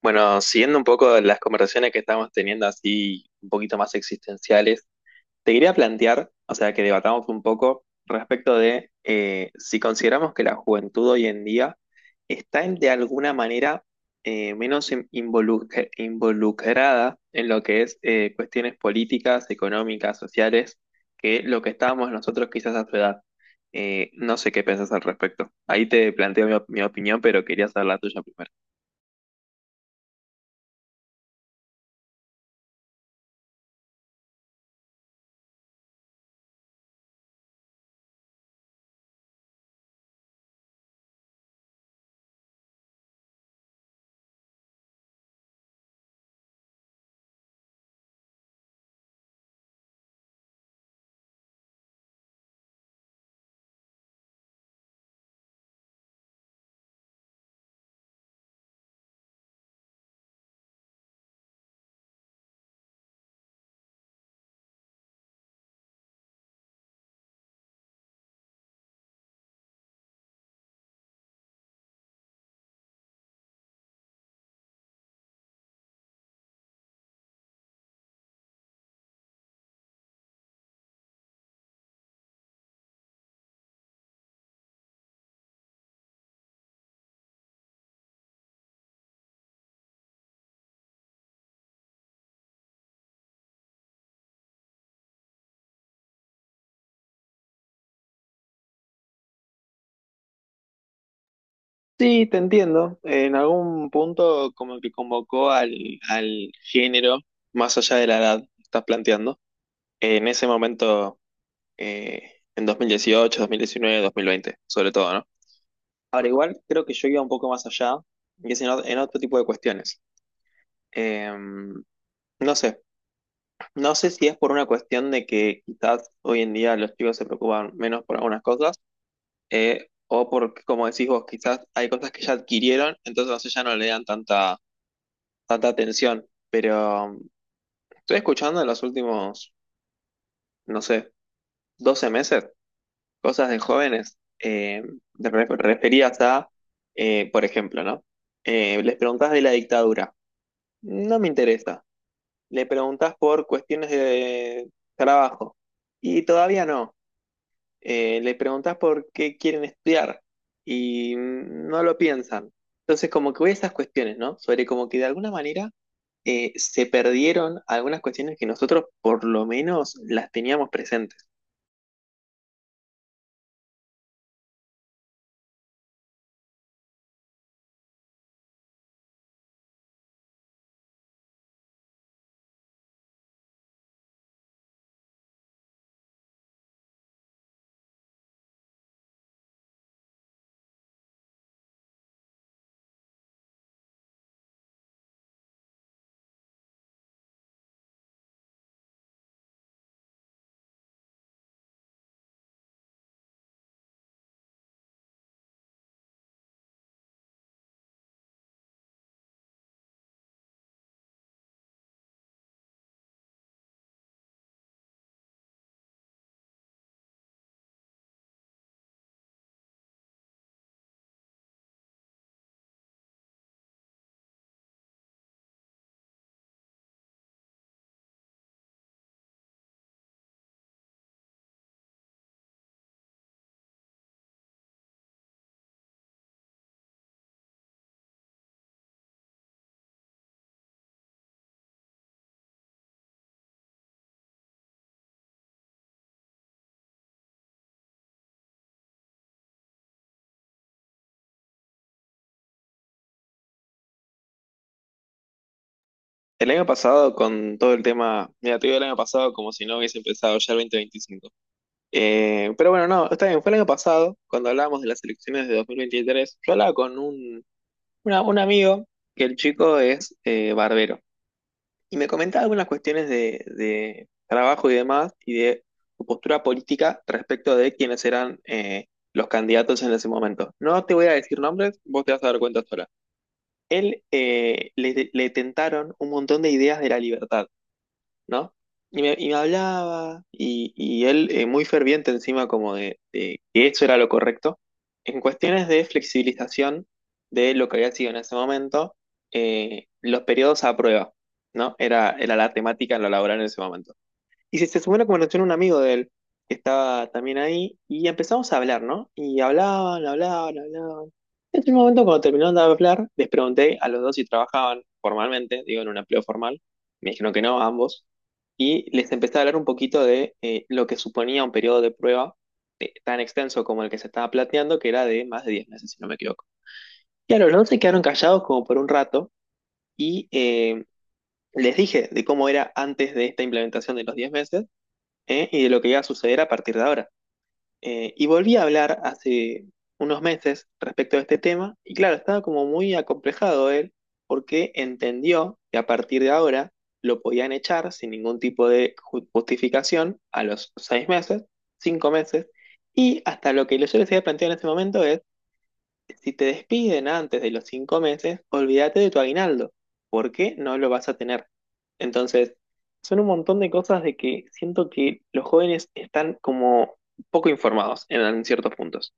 Bueno, siguiendo un poco las conversaciones que estamos teniendo así un poquito más existenciales, te quería plantear, o sea, que debatamos un poco respecto de si consideramos que la juventud hoy en día de alguna manera menos involucrada en lo que es cuestiones políticas, económicas, sociales, que lo que estábamos nosotros quizás a su edad. No sé qué pensás al respecto. Ahí te planteo mi opinión, pero quería saber la tuya primero. Sí, te entiendo. En algún punto como que convocó al género más allá de la edad que estás planteando. En ese momento, en 2018, 2019, 2020, sobre todo, ¿no? Ahora igual creo que yo iba un poco más allá, y es en otro tipo de cuestiones. Eh, no sé, no sé si es por una cuestión de que quizás hoy en día los chicos se preocupan menos por algunas cosas, o porque, como decís vos, quizás hay cosas que ya adquirieron, entonces ya no le dan tanta tanta atención, pero estoy escuchando en los últimos, no sé, 12 meses cosas de jóvenes referidas a, por ejemplo, ¿no? Les preguntás de la dictadura, no me interesa. Le preguntás por cuestiones de trabajo y todavía no. Le preguntás por qué quieren estudiar y no lo piensan. Entonces, como que voy a esas cuestiones, ¿no? Sobre como que de alguna manera se perdieron algunas cuestiones que nosotros por lo menos las teníamos presentes. El año pasado, con todo el tema, mira, te digo el año pasado como si no hubiese empezado ya el 2025. Pero bueno, no, está bien, fue el año pasado, cuando hablábamos de las elecciones de 2023 yo hablaba con un amigo que el chico es barbero. Y me comentaba algunas cuestiones de trabajo y demás, y de su postura política respecto de quiénes eran los candidatos en ese momento. No te voy a decir nombres, vos te vas a dar cuenta sola. Él le tentaron un montón de ideas de la libertad. ¿No? Y me hablaba, y él muy ferviente encima como de que eso era lo correcto. En cuestiones de flexibilización de lo que había sido en ese momento, los periodos a prueba, ¿no? Era la temática en lo laboral en ese momento. Y se subió a la conversación un amigo de él, que estaba también ahí, y empezamos a hablar, ¿no? Y hablaban, hablaban, hablaban. En un momento, cuando terminaron de hablar, les pregunté a los dos si trabajaban formalmente, digo, en un empleo formal. Me dijeron que no, ambos. Y les empecé a hablar un poquito de lo que suponía un periodo de prueba tan extenso como el que se estaba planteando, que era de más de 10 meses, si no me equivoco. Y a los dos se quedaron callados como por un rato y les dije de cómo era antes de esta implementación de los 10 meses ¿eh? Y de lo que iba a suceder a partir de ahora. Y volví a hablar hace unos meses respecto a este tema y claro, estaba como muy acomplejado él porque entendió que a partir de ahora lo podían echar sin ningún tipo de justificación a los 6 meses, 5 meses, y hasta lo que yo les había planteado en ese momento es si te despiden antes de los 5 meses, olvídate de tu aguinaldo, porque no lo vas a tener. Entonces, son un montón de cosas de que siento que los jóvenes están como poco informados en ciertos puntos.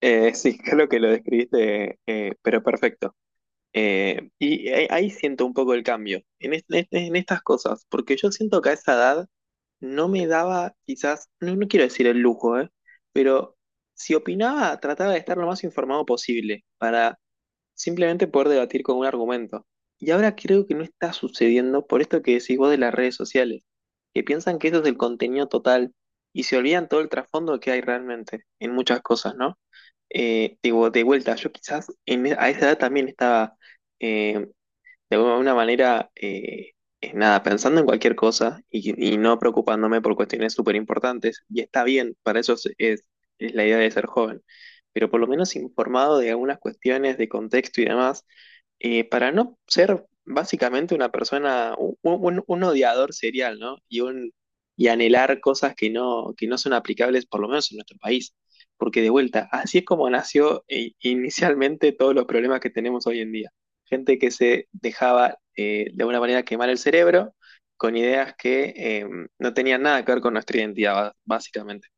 Sí, creo que lo describiste, pero perfecto. Y ahí siento un poco el cambio en estas cosas, porque yo siento que a esa edad no me daba quizás, no, no quiero decir el lujo, pero si opinaba, trataba de estar lo más informado posible para simplemente poder debatir con un argumento. Y ahora creo que no está sucediendo por esto que decís vos de las redes sociales, que piensan que eso es el contenido total y se olvidan todo el trasfondo que hay realmente en muchas cosas, ¿no? Digo, de vuelta, yo quizás en a esa edad también estaba eh, de alguna manera, es nada, pensando en cualquier cosa y no preocupándome por cuestiones súper importantes, y está bien, para eso es la idea de ser joven, pero por lo menos informado de algunas cuestiones de contexto y demás, para no ser básicamente una persona, un odiador serial, ¿no? Y anhelar cosas que no son aplicables, por lo menos en nuestro país. Porque de vuelta, así es como nació inicialmente todos los problemas que tenemos hoy en día gente que se dejaba de alguna manera quemar el cerebro con ideas que no tenían nada que ver con nuestra identidad, básicamente.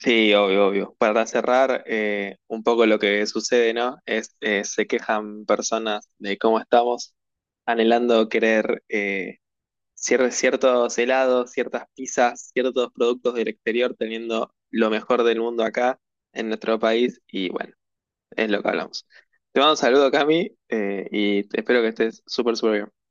Sí, obvio, obvio. Para cerrar, un poco lo que sucede, ¿no? Se quejan personas de cómo estamos anhelando querer ciertos helados, ciertas pizzas, ciertos productos del exterior, teniendo lo mejor del mundo acá en nuestro país. Y bueno, es lo que hablamos. Te mando un saludo, Cami, y espero que estés súper, súper bien.